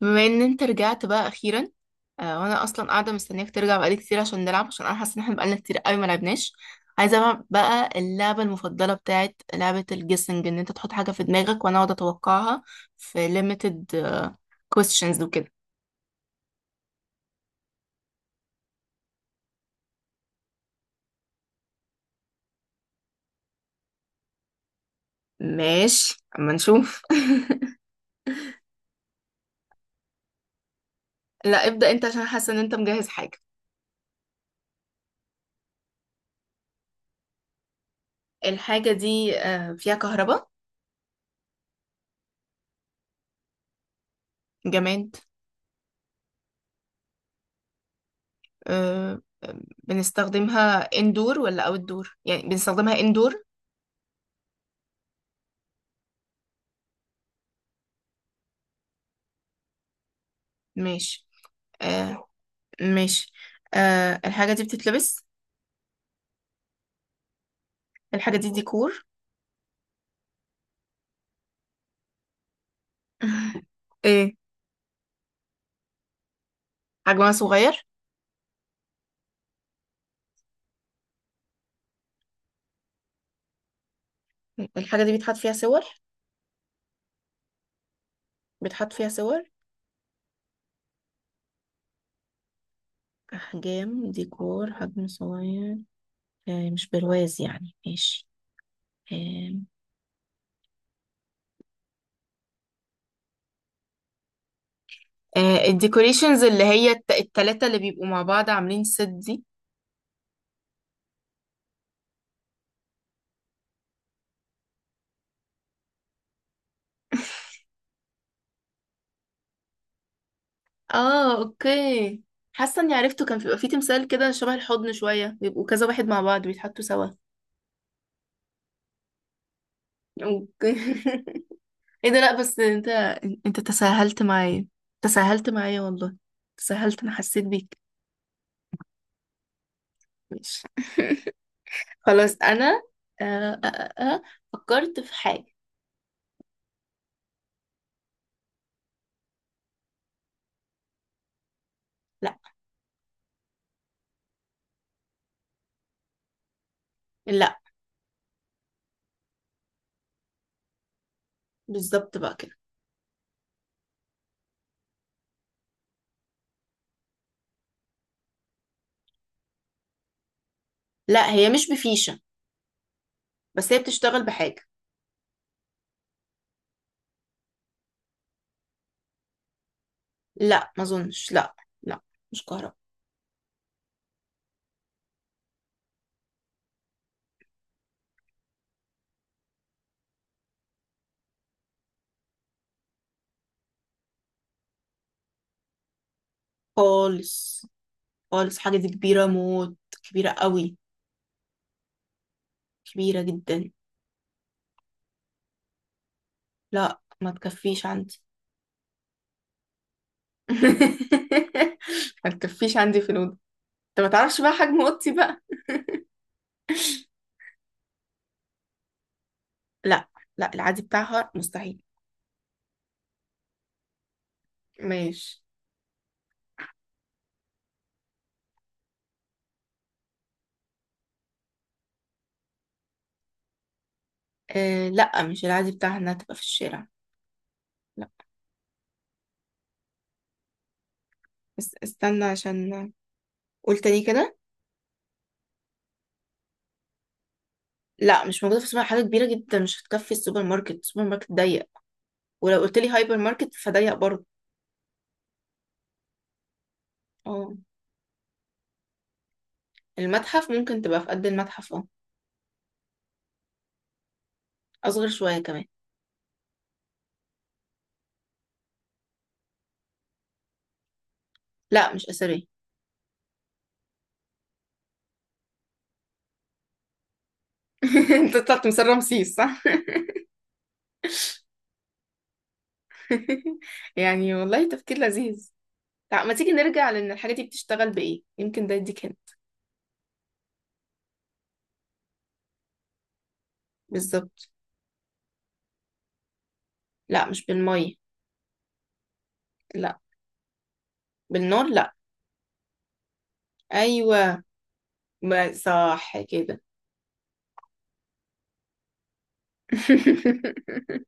بما ان انت رجعت بقى اخيرا. وانا اصلا قاعده مستنياك ترجع بقالي كتير عشان نلعب، عشان انا حاسه ان احنا بقالنا كتير قوي ما لعبناش. عايزه بقى اللعبه المفضله بتاعت لعبه الجيسنج، ان انت تحط حاجه في دماغك وانا اقعد اتوقعها في limited questions وكده. ماشي، اما نشوف. لا ابدا، انت عشان حاسه ان انت مجهز حاجه. الحاجه دي فيها كهرباء؟ جماد. بنستخدمها اندور ولا اوت دور؟ يعني بنستخدمها اندور. ماشي. آه. ماشي. الحاجة دي بتتلبس؟ الحاجة دي ديكور؟ ايه؟ حجمها صغير؟ الحاجة دي بيتحط فيها صور؟ بيتحط فيها صور؟ أحجام ديكور، حجم صغير. مش برواز يعني؟ ماشي. آه. الديكوريشنز اللي هي التلاتة اللي بيبقوا مع بعض عاملين ست دي. اه، اوكي. حاسة اني عرفته، كان بيبقى فيه تمثال كده شبه الحضن شوية، بيبقوا كذا واحد مع بعض بيتحطوا سوا. اوكي. ايه ده؟ لا بس انت تساهلت معايا. تساهلت معايا والله. تساهلت، انا حسيت بيك. ماشي. خلاص انا. آه آه آه آه، فكرت في حاجة. لا. لا. بالظبط بقى كده. لا، هي مش بفيشة. بس هي بتشتغل بحاجة. لا ما اظنش، لا. لا. مش كهرباء. خالص. خالص، حاجة دي كبيرة موت. كبيرة قوي. كبيرة جدا. لا ما تكفيش عندي. ما تكفيش عندي في الأوضة. انت ما تعرفش بقى حجم اوضتي بقى. لا. لا، العادي بتاعها مستحيل. ماشي. آه، لا مش العادي بتاعها انها تبقى في الشارع. لا. بس استنى عشان. قول تاني كده. لا، مش موجودة في السوبر، حاجة كبيرة جدا مش هتكفي السوبر ماركت، السوبر ماركت ضيق. ولو قلت لي هايبر ماركت فضيق برضه. اه. المتحف ممكن تبقى في قد المتحف، اه. اصغر شوية كمان. لا مش أثرية. انت طلعت من سر رمسيس صح؟ يعني والله تفكير لذيذ. لا، ما تيجي نرجع لان الحاجة دي بتشتغل بإيه، يمكن ده يديك هنا. بالظبط. لا مش بالمية. لا. بالنار؟ لا. ايوه. ما صح كده.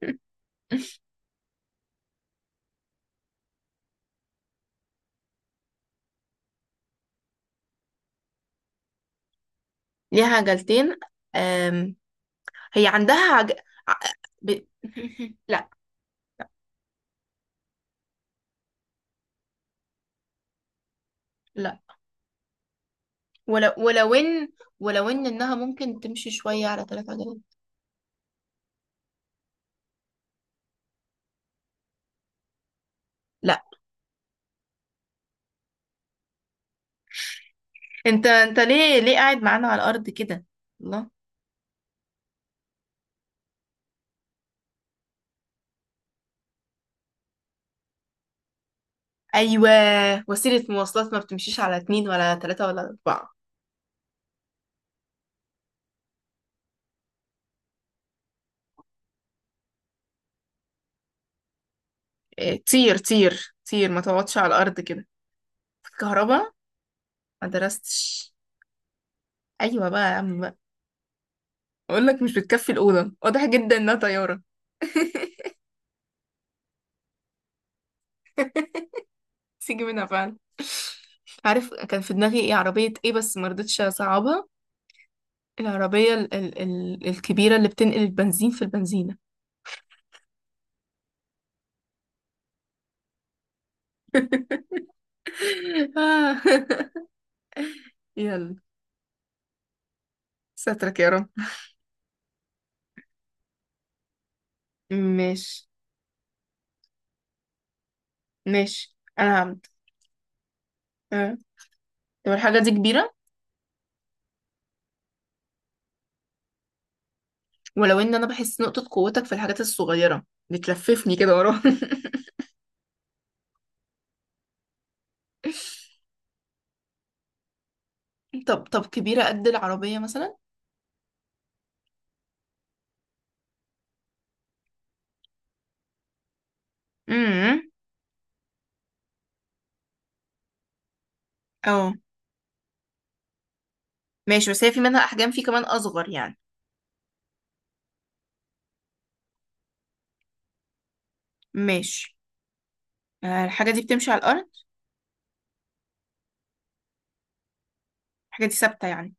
ليها عجلتين. أم... هي عندها ع- ب... لا. لا. ولو ولو ان ولو ان انها ممكن تمشي شويه على 3 عجلات. لا. انت ليه قاعد معانا على الارض كده؟ الله. ايوه. وسيله مواصلات ما بتمشيش على اتنين ولا ثلاثه ولا اربعه. إيه، طير طير طير، ما تقعدش على الارض كده. كهرباء. ما درستش. ايوه بقى يا عم. اقول لك مش بتكفي الاوضه، واضح جدا انها طياره. سيجي منها فعلا. عارف كان في دماغي ايه عربيه، ايه بس ما رضيتش اصعبها. العربيه ال الكبيره اللي بتنقل البنزين في البنزينه. آه. يلا. سترك يا رب. ماشي. ماشي انا هعمل. آه. طب الحاجه دي كبيره؟ ولو ان انا بحس نقطه قوتك في الحاجات الصغيره. بتلففني كده وراه. طب كبيره قد العربيه مثلا؟ امم اه، ماشي بس هي في منها احجام، في كمان اصغر يعني. ماشي. الحاجه دي بتمشي على الارض؟ الحاجه دي ثابته يعني؟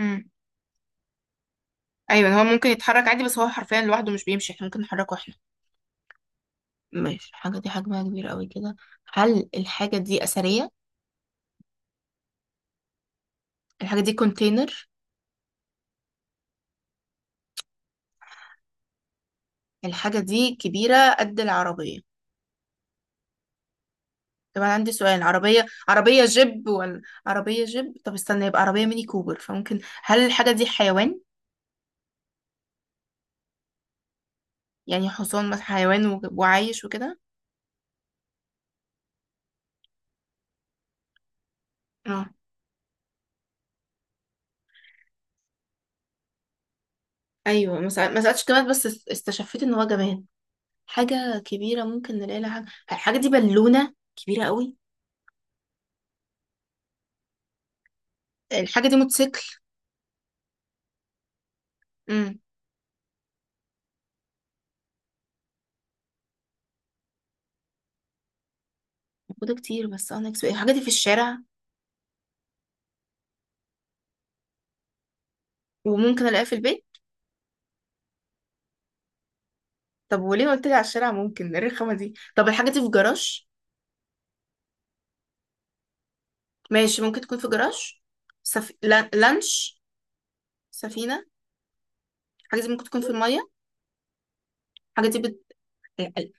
امم ايوه، هو ممكن يتحرك عادي، بس هو حرفيا لوحده مش بيمشي، احنا ممكن نحركه احنا. ماشي، الحاجه دي حجمها كبير قوي كده. هل الحاجه دي اثريه؟ الحاجه دي كونتينر؟ الحاجه دي كبيره قد العربيه. طب انا عندي سؤال، عربيه عربيه جيب ولا عربيه جيب؟ طب استنى، يبقى عربيه ميني كوبر. فممكن، هل الحاجه دي حيوان؟ يعني حصان مثلا، حيوان وعايش وكده. ايوه، ما سالتش جماد بس استشفيت ان هو جماد. حاجه كبيره ممكن نلاقي لها حاجه. الحاجه دي بالونه كبيره قوي؟ الحاجه دي موتوسيكل؟ امم موجوده كتير، بس انا اكسب الحاجه دي في الشارع. وممكن الاقيها في البيت. طب وليه قلت لي على الشارع؟ ممكن إيه الرخامه دي؟ طب الحاجه دي في جراج؟ ماشي ممكن تكون في جراج. لانش، سفينه. الحاجه دي ممكن تكون في الميه؟ الحاجه دي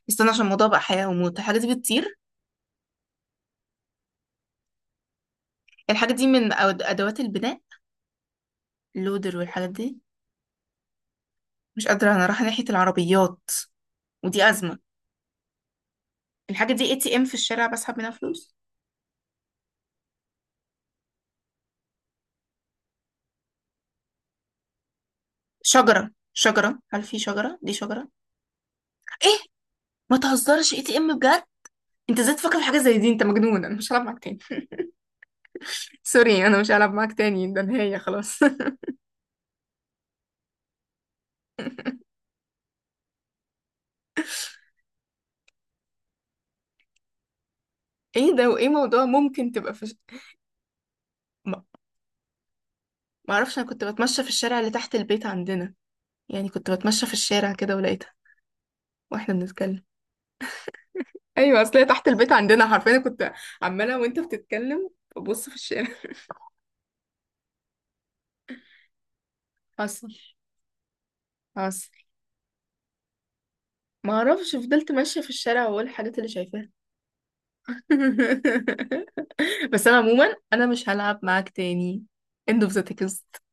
استنى، عشان الموضوع بقى حياه وموت. الحاجه دي بتطير؟ الحاجه دي من ادوات البناء، اللودر والحاجات دي. مش قادره، انا رايحه ناحيه العربيات. ودي أزمة. الحاجة دي ATM، في الشارع بسحب منها فلوس. شجرة، شجرة، هل في شجرة؟ دي شجرة؟ ايه. ما تهزرش، ATM بجد؟ انت ازاي تفكر في حاجة زي دي؟ انت مجنون، انا مش هلعب معاك تاني. سوري، انا مش هلعب معاك تاني، ده نهاية خلاص. ايه ده وايه موضوع ممكن تبقى في ما ما اعرفش، انا كنت بتمشى في الشارع اللي تحت البيت عندنا. يعني كنت بتمشى في الشارع كده ولقيتها. واحنا بنتكلم. ايوه، اصل هي تحت البيت عندنا حرفيا، كنت عمالة وانت بتتكلم ببص في الشارع. حصل، حصل. ما اعرفش، فضلت ماشيه في الشارع واقول الحاجات اللي شايفاها. بس انا عموما انا مش هلعب معاك تاني. End of the text.